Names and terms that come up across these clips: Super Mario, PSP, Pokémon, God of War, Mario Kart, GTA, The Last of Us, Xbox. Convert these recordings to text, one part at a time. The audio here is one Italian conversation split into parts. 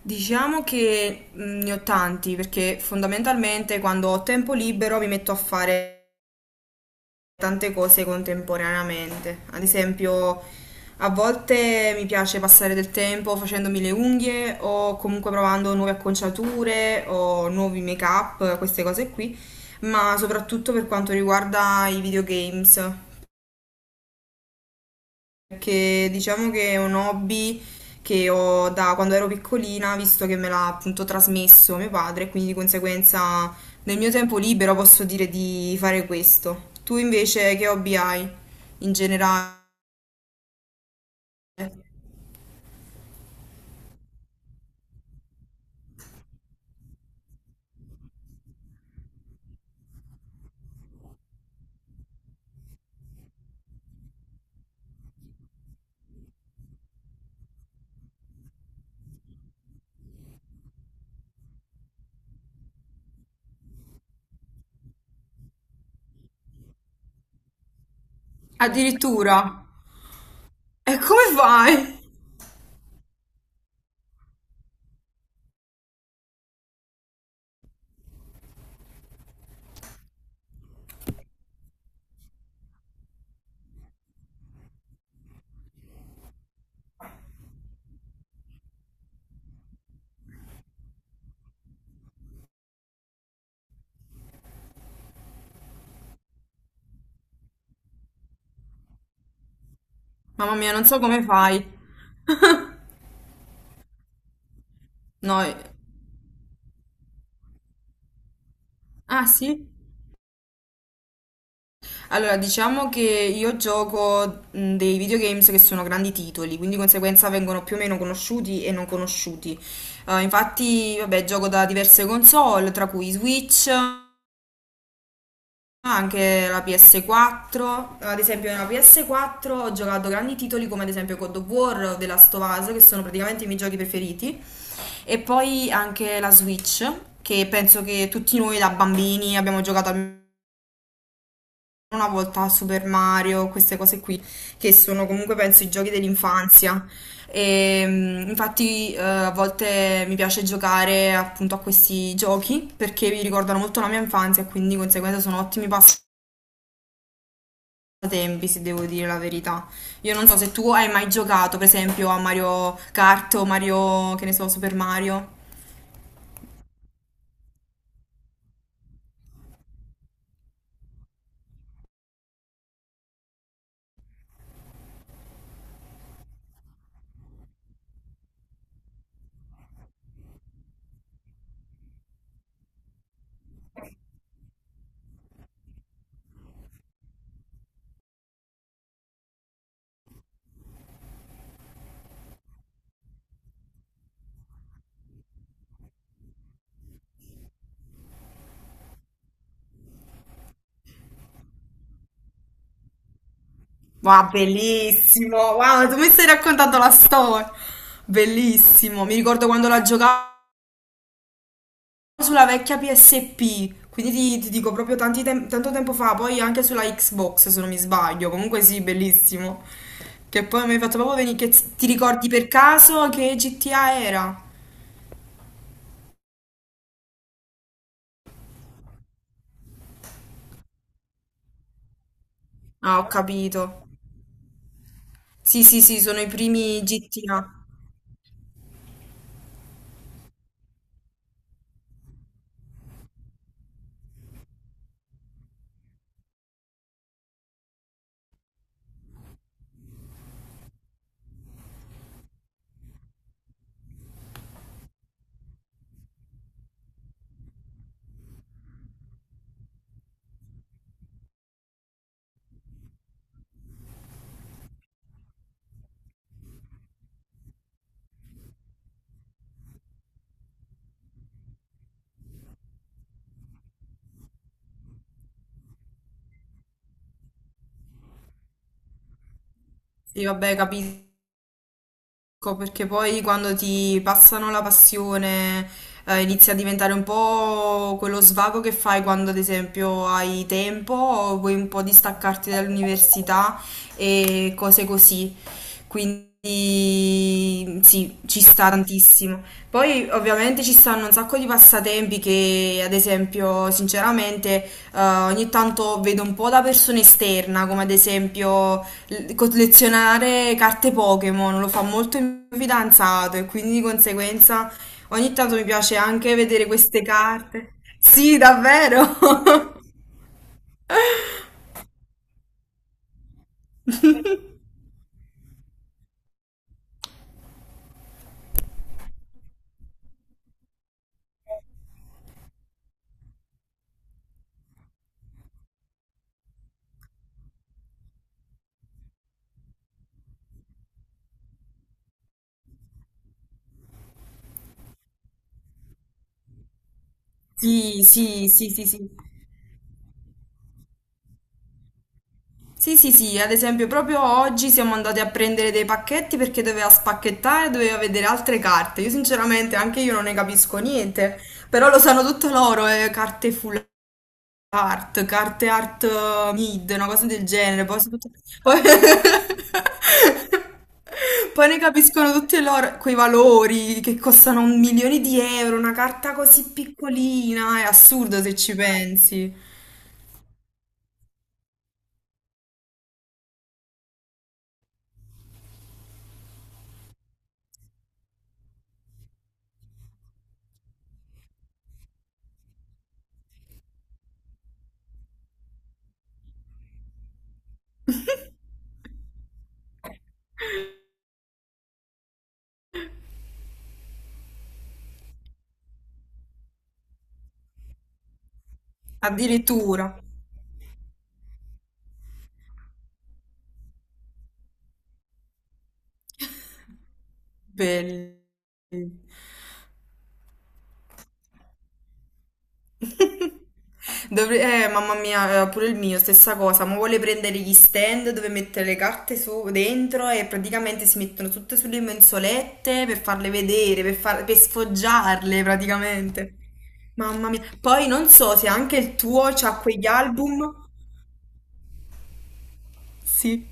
Diciamo che ne ho tanti perché fondamentalmente quando ho tempo libero mi metto a fare tante cose contemporaneamente. Ad esempio, a volte mi piace passare del tempo facendomi le unghie o comunque provando nuove acconciature o nuovi make-up, queste cose qui, ma soprattutto per quanto riguarda i videogames. Perché diciamo che è un hobby che ho da quando ero piccolina, visto che me l'ha appunto trasmesso mio padre, e quindi di conseguenza nel mio tempo libero posso dire di fare questo. Tu invece che hobby hai in generale? Addirittura? E come fai? Mamma mia, non so come fai. No, ah sì? Allora, diciamo che io gioco dei videogames che sono grandi titoli, quindi di conseguenza vengono più o meno conosciuti e non conosciuti. Infatti, vabbè, gioco da diverse console, tra cui Switch, anche la PS4. Ad esempio, nella PS4 ho giocato grandi titoli come ad esempio God of War o The Last of Us, che sono praticamente i miei giochi preferiti. E poi anche la Switch, che penso che tutti noi da bambini abbiamo giocato al una volta a Super Mario, queste cose qui, che sono comunque penso i giochi dell'infanzia. E, mm, infatti a volte mi piace giocare appunto a questi giochi perché mi ricordano molto la mia infanzia e quindi di conseguenza sono ottimi passatempi, se devo dire la verità. Io non so se tu hai mai giocato, per esempio, a Mario Kart o Mario, che ne so, Super Mario. Wow, bellissimo! Wow, tu mi stai raccontando la storia! Bellissimo! Mi ricordo quando la giocavo sulla vecchia PSP, quindi ti dico proprio tanto tempo fa, poi anche sulla Xbox se non mi sbaglio, comunque sì, bellissimo. Che poi mi hai fatto proprio venire, ti ricordi per caso che GTA era? Ah, ho capito. Sì, sì, sì, sono i primi GTA. Sì, vabbè, capito. Ecco, perché poi quando ti passano la passione, inizia a diventare un po' quello svago che fai quando, ad esempio, hai tempo o vuoi un po' distaccarti dall'università e cose così. Quindi sì, ci sta tantissimo. Poi ovviamente ci stanno un sacco di passatempi che, ad esempio, sinceramente, ogni tanto vedo un po' da persona esterna, come ad esempio collezionare carte Pokémon, lo fa molto il mio fidanzato e quindi di conseguenza ogni tanto mi piace anche vedere queste carte. Sì, davvero? Sì, sì, sì, sì, sì. Sì, sì, sì, ad esempio proprio oggi siamo andati a prendere dei pacchetti perché doveva spacchettare, doveva vedere altre carte. Io sinceramente anche io non ne capisco niente, però lo sanno tutto loro, carte full art, carte art mid, una cosa del genere, poi, sono tutte- poi- poi ne capiscono tutti i loro, quei valori che costano un milione di euro, una carta così piccolina, è assurdo se ci pensi. Addirittura. Belli. Mamma mia, pure il mio, stessa cosa, ma vuole prendere gli stand dove mettere dentro e praticamente si mettono tutte sulle mensolette per farle vedere, per sfoggiarle praticamente. Mamma mia, poi non so se anche il tuo c'ha quegli album. Sì.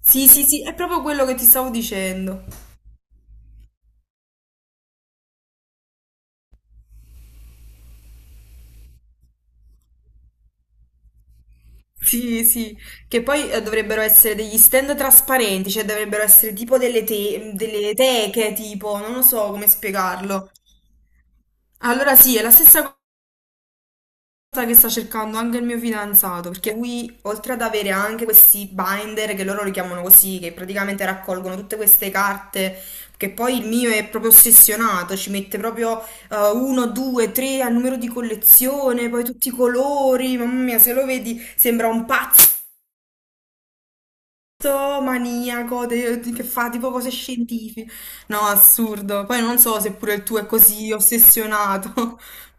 Sì, sì, sì, è proprio quello che ti stavo dicendo. Sì, sì, che poi dovrebbero essere degli stand trasparenti, cioè dovrebbero essere tipo delle teche, tipo, non lo so come spiegarlo. Allora sì, è la stessa cosa che sta cercando anche il mio fidanzato, perché lui, oltre ad avere anche questi binder, che loro li chiamano così, che praticamente raccolgono tutte queste carte, che poi il mio è proprio ossessionato, ci mette proprio uno, due, tre al numero di collezione, poi tutti i colori, mamma mia, se lo vedi sembra un pazzo tutto maniaco che fa tipo cose scientifiche. No, assurdo. Poi non so se pure il tuo è così ossessionato.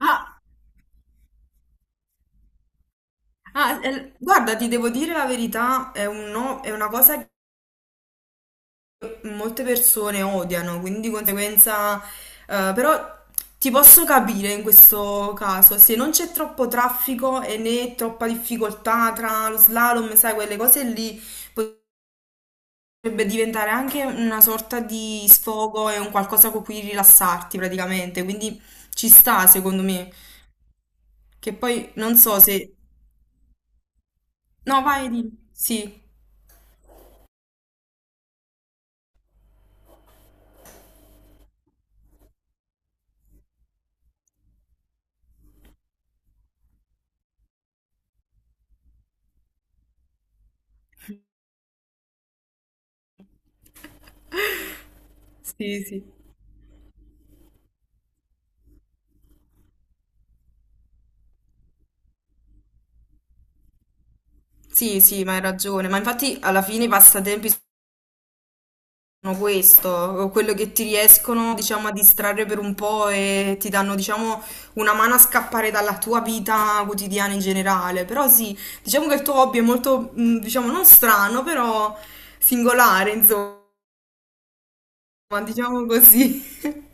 Ah, guarda, ti devo dire la verità, è un no- è una cosa che molte persone odiano, quindi di conseguenza, però ti posso capire in questo caso, se non c'è troppo traffico e né troppa difficoltà tra lo slalom, sai, quelle cose lì. Potrebbe diventare anche una sorta di sfogo e un qualcosa con cui rilassarti praticamente, quindi ci sta secondo me. Che poi non so se... No, vai di... Sì, sì, sì. Sì, sì, ma hai ragione. Ma infatti alla fine i passatempi sono questo, quello che ti riescono, diciamo, a distrarre per un po' e ti danno, diciamo, una mano a scappare dalla tua vita quotidiana in generale. Però sì, diciamo che il tuo hobby è molto, diciamo, non strano, però singolare, insomma. Ma diciamo così,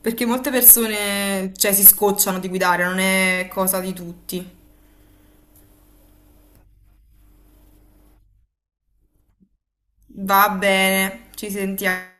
perché molte persone, cioè, si scocciano di guidare, non è cosa di tutti. Va bene, ci sentiamo.